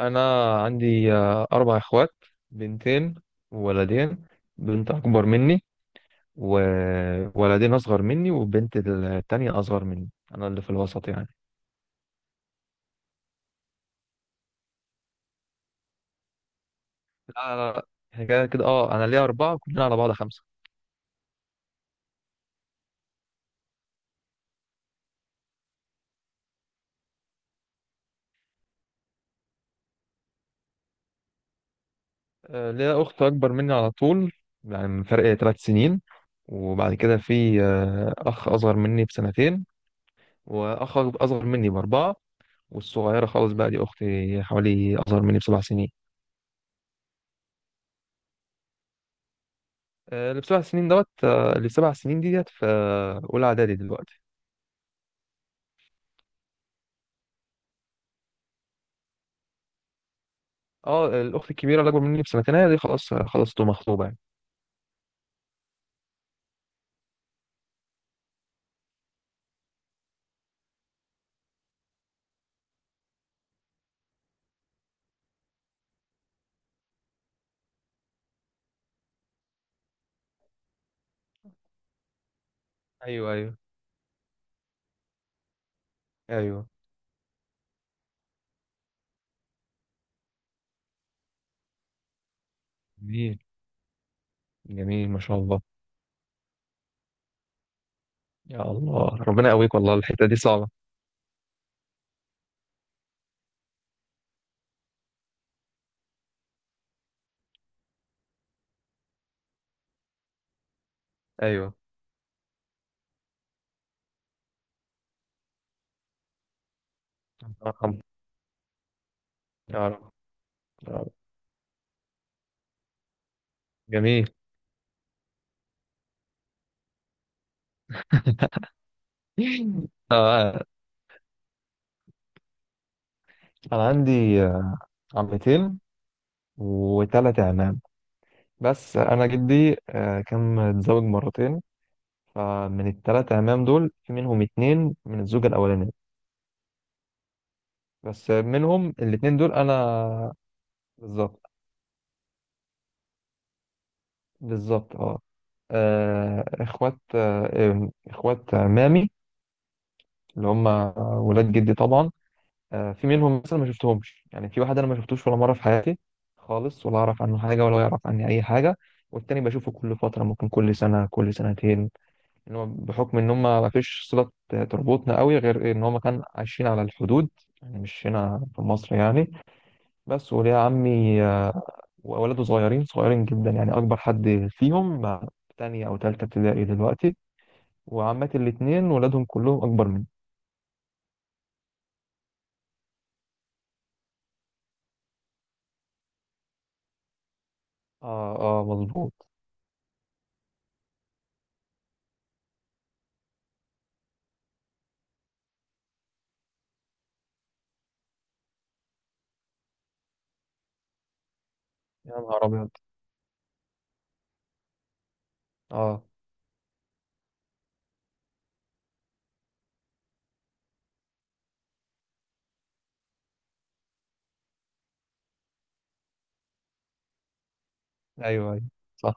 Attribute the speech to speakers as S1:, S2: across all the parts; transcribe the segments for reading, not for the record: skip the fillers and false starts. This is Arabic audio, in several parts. S1: انا عندي اربع اخوات، بنتين وولدين. بنت اكبر مني وولدين اصغر مني، والبنت التانية اصغر مني. انا اللي في الوسط يعني. لا لا لا، احنا كده كده، اه انا ليا اربعة، كلنا على بعض خمسة. ليا اخت اكبر مني على طول، يعني من فرق ثلاث سنين. وبعد كده في اخ اصغر مني بسنتين، واخ اصغر مني باربعة. والصغيرة خالص بقى دي اختي، حوالي اصغر مني بسبع سنين. اللي بسبع سنين دوت، اللي سبع سنين دي ديت في اولى اعدادي دلوقتي. اه، الاخت الكبيره اللي اكبر مني بسنتين هي دي، خلاص خلاص تبقى مخطوبه يعني. ايوه ايوه ايوه. جميل، جميل ما شاء الله. يا الله، ربنا يقويك والله الحته دي صعبه. ايوه. يا رب يا رب يا رب. جميل. آه، انا عندي آه، عمتين وثلاث اعمام. بس انا جدي كان متزوج مرتين، فمن الثلاث اعمام دول في منهم اتنين من الزوجه الاولانيه. بس منهم الاتنين دول انا، بالظبط بالظبط اه. اخوات اخوات مامي اللي هم ولاد جدي طبعا. في منهم مثلا ما شفتهمش، يعني في واحد انا ما شفتوش ولا مره في حياتي خالص، ولا اعرف عنه حاجه ولا يعرف عني اي حاجه. والتاني بشوفه كل فتره، ممكن كل سنه كل سنتين. ان هو بحكم ان هم ما فيش صله تربطنا قوي، غير ان هم كانوا عايشين على الحدود، يعني مش هنا في مصر يعني. بس وليه عمي واولاده صغيرين صغيرين جدا، يعني اكبر حد فيهم مع تانية او تالتة ابتدائي دلوقتي. وعماتي الاتنين ولادهم كلهم اكبر مني. اه، اه مظبوط. يا نهار ابيض. اه، ايوه ايوه صح.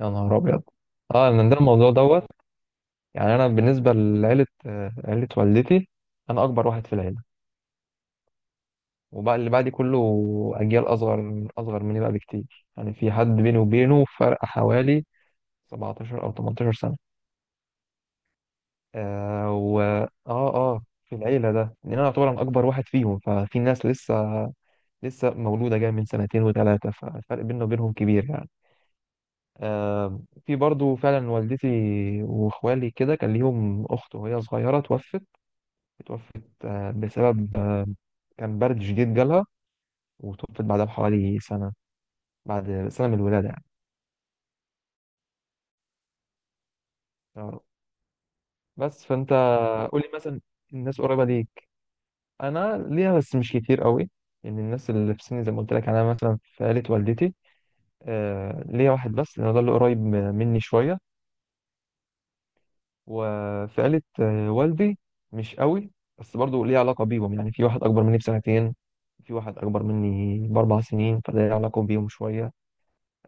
S1: يا نهار ابيض. اه، ان ده الموضوع دوت. يعني انا بالنسبه لعيله، عيله والدتي، انا اكبر واحد في العيله، وبقى اللي بعدي كله اجيال اصغر، اصغر مني بقى بكتير. يعني في حد بيني وبينه فرق حوالي 17 او 18 سنه. آه و اه اه في العيلة ده، لأن أنا أعتبر أنا أكبر واحد فيهم، ففي ناس لسه لسه مولودة جاية من سنتين وثلاثة، فالفرق بيننا وبينهم كبير يعني. آه، في برضو فعلا والدتي وإخوالي كده كان ليهم أخت، وهي صغيرة توفت. توفت بسبب كان برد شديد جالها، وتوفت بعدها بحوالي سنة، بعد سنة من الولادة يعني. آه. بس فأنت قولي مثلا، الناس قريبة دي انا ليها بس مش كتير قوي. ان الناس اللي في سني زي ما قلت لك، يعني انا مثلا في عيله والدتي آه ليا واحد بس، لان هو ده اللي قريب مني شويه. وفي عيله والدي مش قوي، بس برضو ليه علاقه بيهم. يعني في واحد اكبر مني بسنتين، في واحد اكبر مني باربع سنين، فده ليه علاقه بيهم شويه.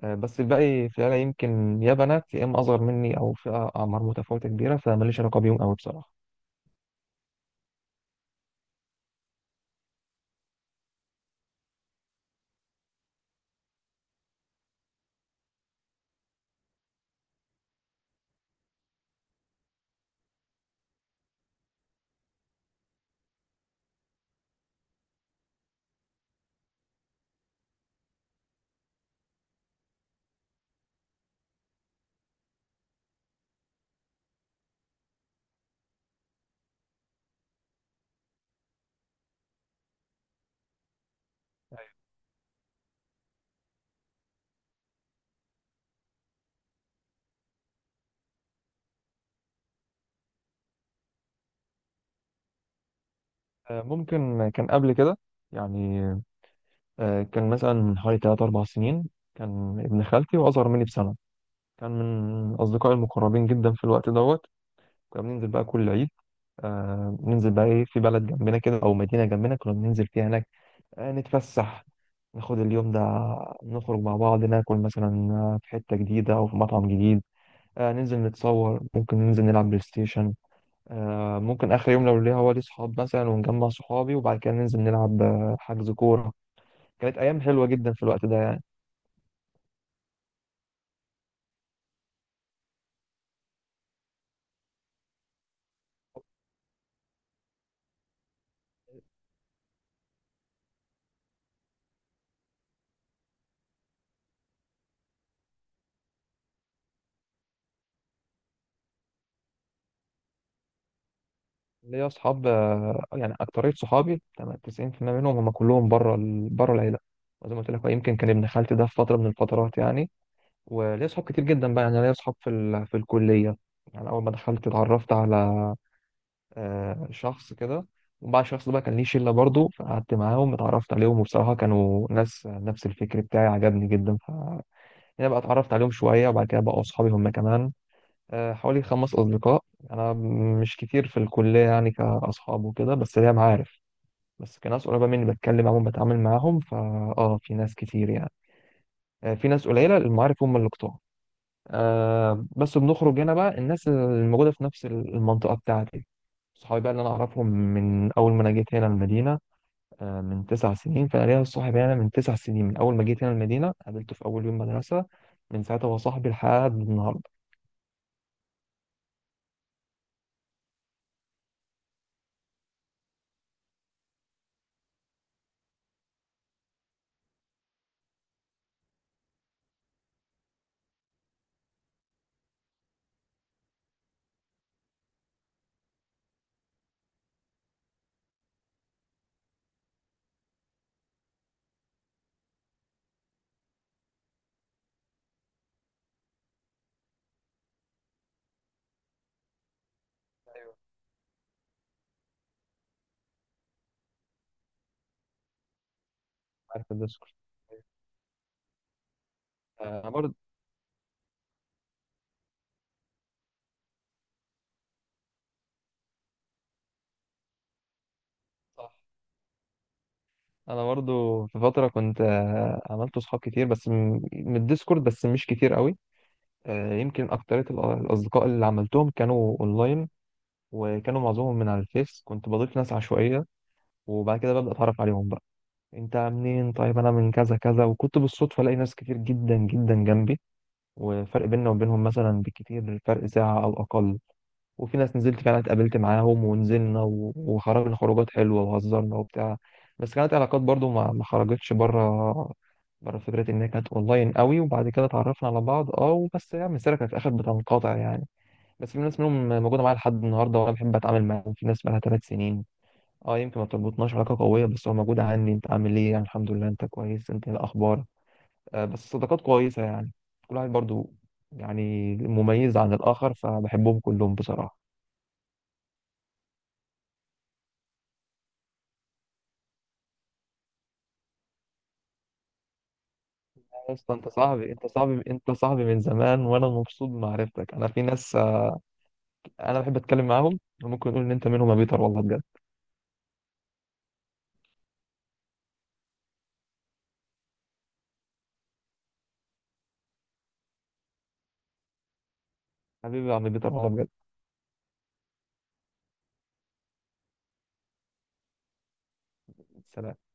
S1: آه، بس الباقي في العيله يمكن يا بنات يا اما اصغر مني او في اعمار متفاوته كبيره، فماليش علاقه بيهم قوي بصراحه. آه ممكن كان قبل كده يعني، كان مثلا من حوالي تلات أربع سنين، كان ابن خالتي وأصغر مني بسنة، كان من أصدقائي المقربين جدا في الوقت دوت. كنا بننزل بقى كل عيد، آه ننزل بقى إيه في بلد جنبنا كده أو مدينة جنبنا كنا بننزل فيها هناك. آه نتفسح، ناخد اليوم ده، نخرج مع بعض، ناكل مثلا في حتة جديدة أو في مطعم جديد. آه ننزل نتصور، ممكن ننزل نلعب بلاي ستيشن. آه ممكن آخر يوم لو ليا هو لي صحاب مثلا ونجمع صحابي، وبعد كده ننزل نلعب حجز كورة. كانت أيام حلوة جدا في الوقت ده. ليا اصحاب يعني اكتريه صحابي تمام 90% منهم هم كلهم بره بره العيله. وزي ما قلت لك هو يمكن كان ابن خالتي ده في فتره من الفترات يعني. وليا اصحاب كتير جدا بقى، يعني ليا اصحاب في في الكليه. يعني اول ما دخلت اتعرفت على شخص كده، وبعد الشخص ده بقى كان ليه شله برضه، فقعدت معاهم اتعرفت عليهم. وبصراحه كانوا ناس نفس الفكر بتاعي عجبني جدا، ف يعني بقى اتعرفت عليهم شويه وبعد كده بقوا اصحابي هم كمان. حوالي خمس أصدقاء. أنا مش كتير في الكلية يعني كأصحاب وكده، بس ليا معارف، بس كناس قريبة مني بتكلم معاهم بتعامل معاهم فا في ناس كتير يعني. في ناس قليلة، المعارف هم اللي كتار. بس بنخرج هنا بقى الناس الموجودة في نفس المنطقة بتاعتي، صحابي بقى اللي أنا أعرفهم من أول ما أنا جيت هنا المدينة، من تسع سنين. فأنا ليا صاحب هنا من تسع سنين، من أول ما جيت هنا المدينة قابلته في أول يوم مدرسة، من ساعتها هو صاحبي لحد النهاردة. أيوة، عارف الديسكورس. أنا برضه، انا برضو في فتره كنت عملت صحاب كتير بس من الديسكورد، بس مش كتير قوي. يمكن اكتريه الاصدقاء اللي عملتهم كانوا اونلاين، وكانوا معظمهم من على الفيس، كنت بضيف ناس عشوائيه وبعد كده ببدا اتعرف عليهم بقى. انت منين؟ طيب انا من كذا كذا، وكنت بالصدفه الاقي ناس كتير جدا جدا جنبي، وفرق بيننا وبينهم مثلا بالكتير فرق ساعه او اقل. وفي ناس نزلت فعلا اتقابلت معاهم، ونزلنا وخرجنا خروجات حلوة وهزرنا وبتاع. بس كانت علاقات برضو ما خرجتش بره، بره فكرة إن هي كانت أونلاين قوي، وبعد كده اتعرفنا على بعض. أه وبس، يعني السيرة كانت في الآخر بتنقطع يعني. بس في ناس منهم موجودة معايا لحد النهاردة وأنا بحب أتعامل معاهم، في ناس بقالها ثلاث سنين. أه يمكن ما بتربطناش علاقة قوية، بس هو موجودة عندي، أنت عامل إيه؟ يعني الحمد لله. أنت كويس؟ أنت إيه الأخبار؟ أه بس صداقات كويسة يعني، كل واحد برضو يعني مميز عن الآخر، فبحبهم كلهم بصراحة. يا اسطى انت صاحبي انت صاحبي انت صاحبي من زمان، وانا مبسوط بمعرفتك. انا في ناس انا بحب اتكلم معاهم وممكن نقول ان انت منهم يا بيتر والله بجد. حبيبي يا عم بيتر والله بجد. سلام.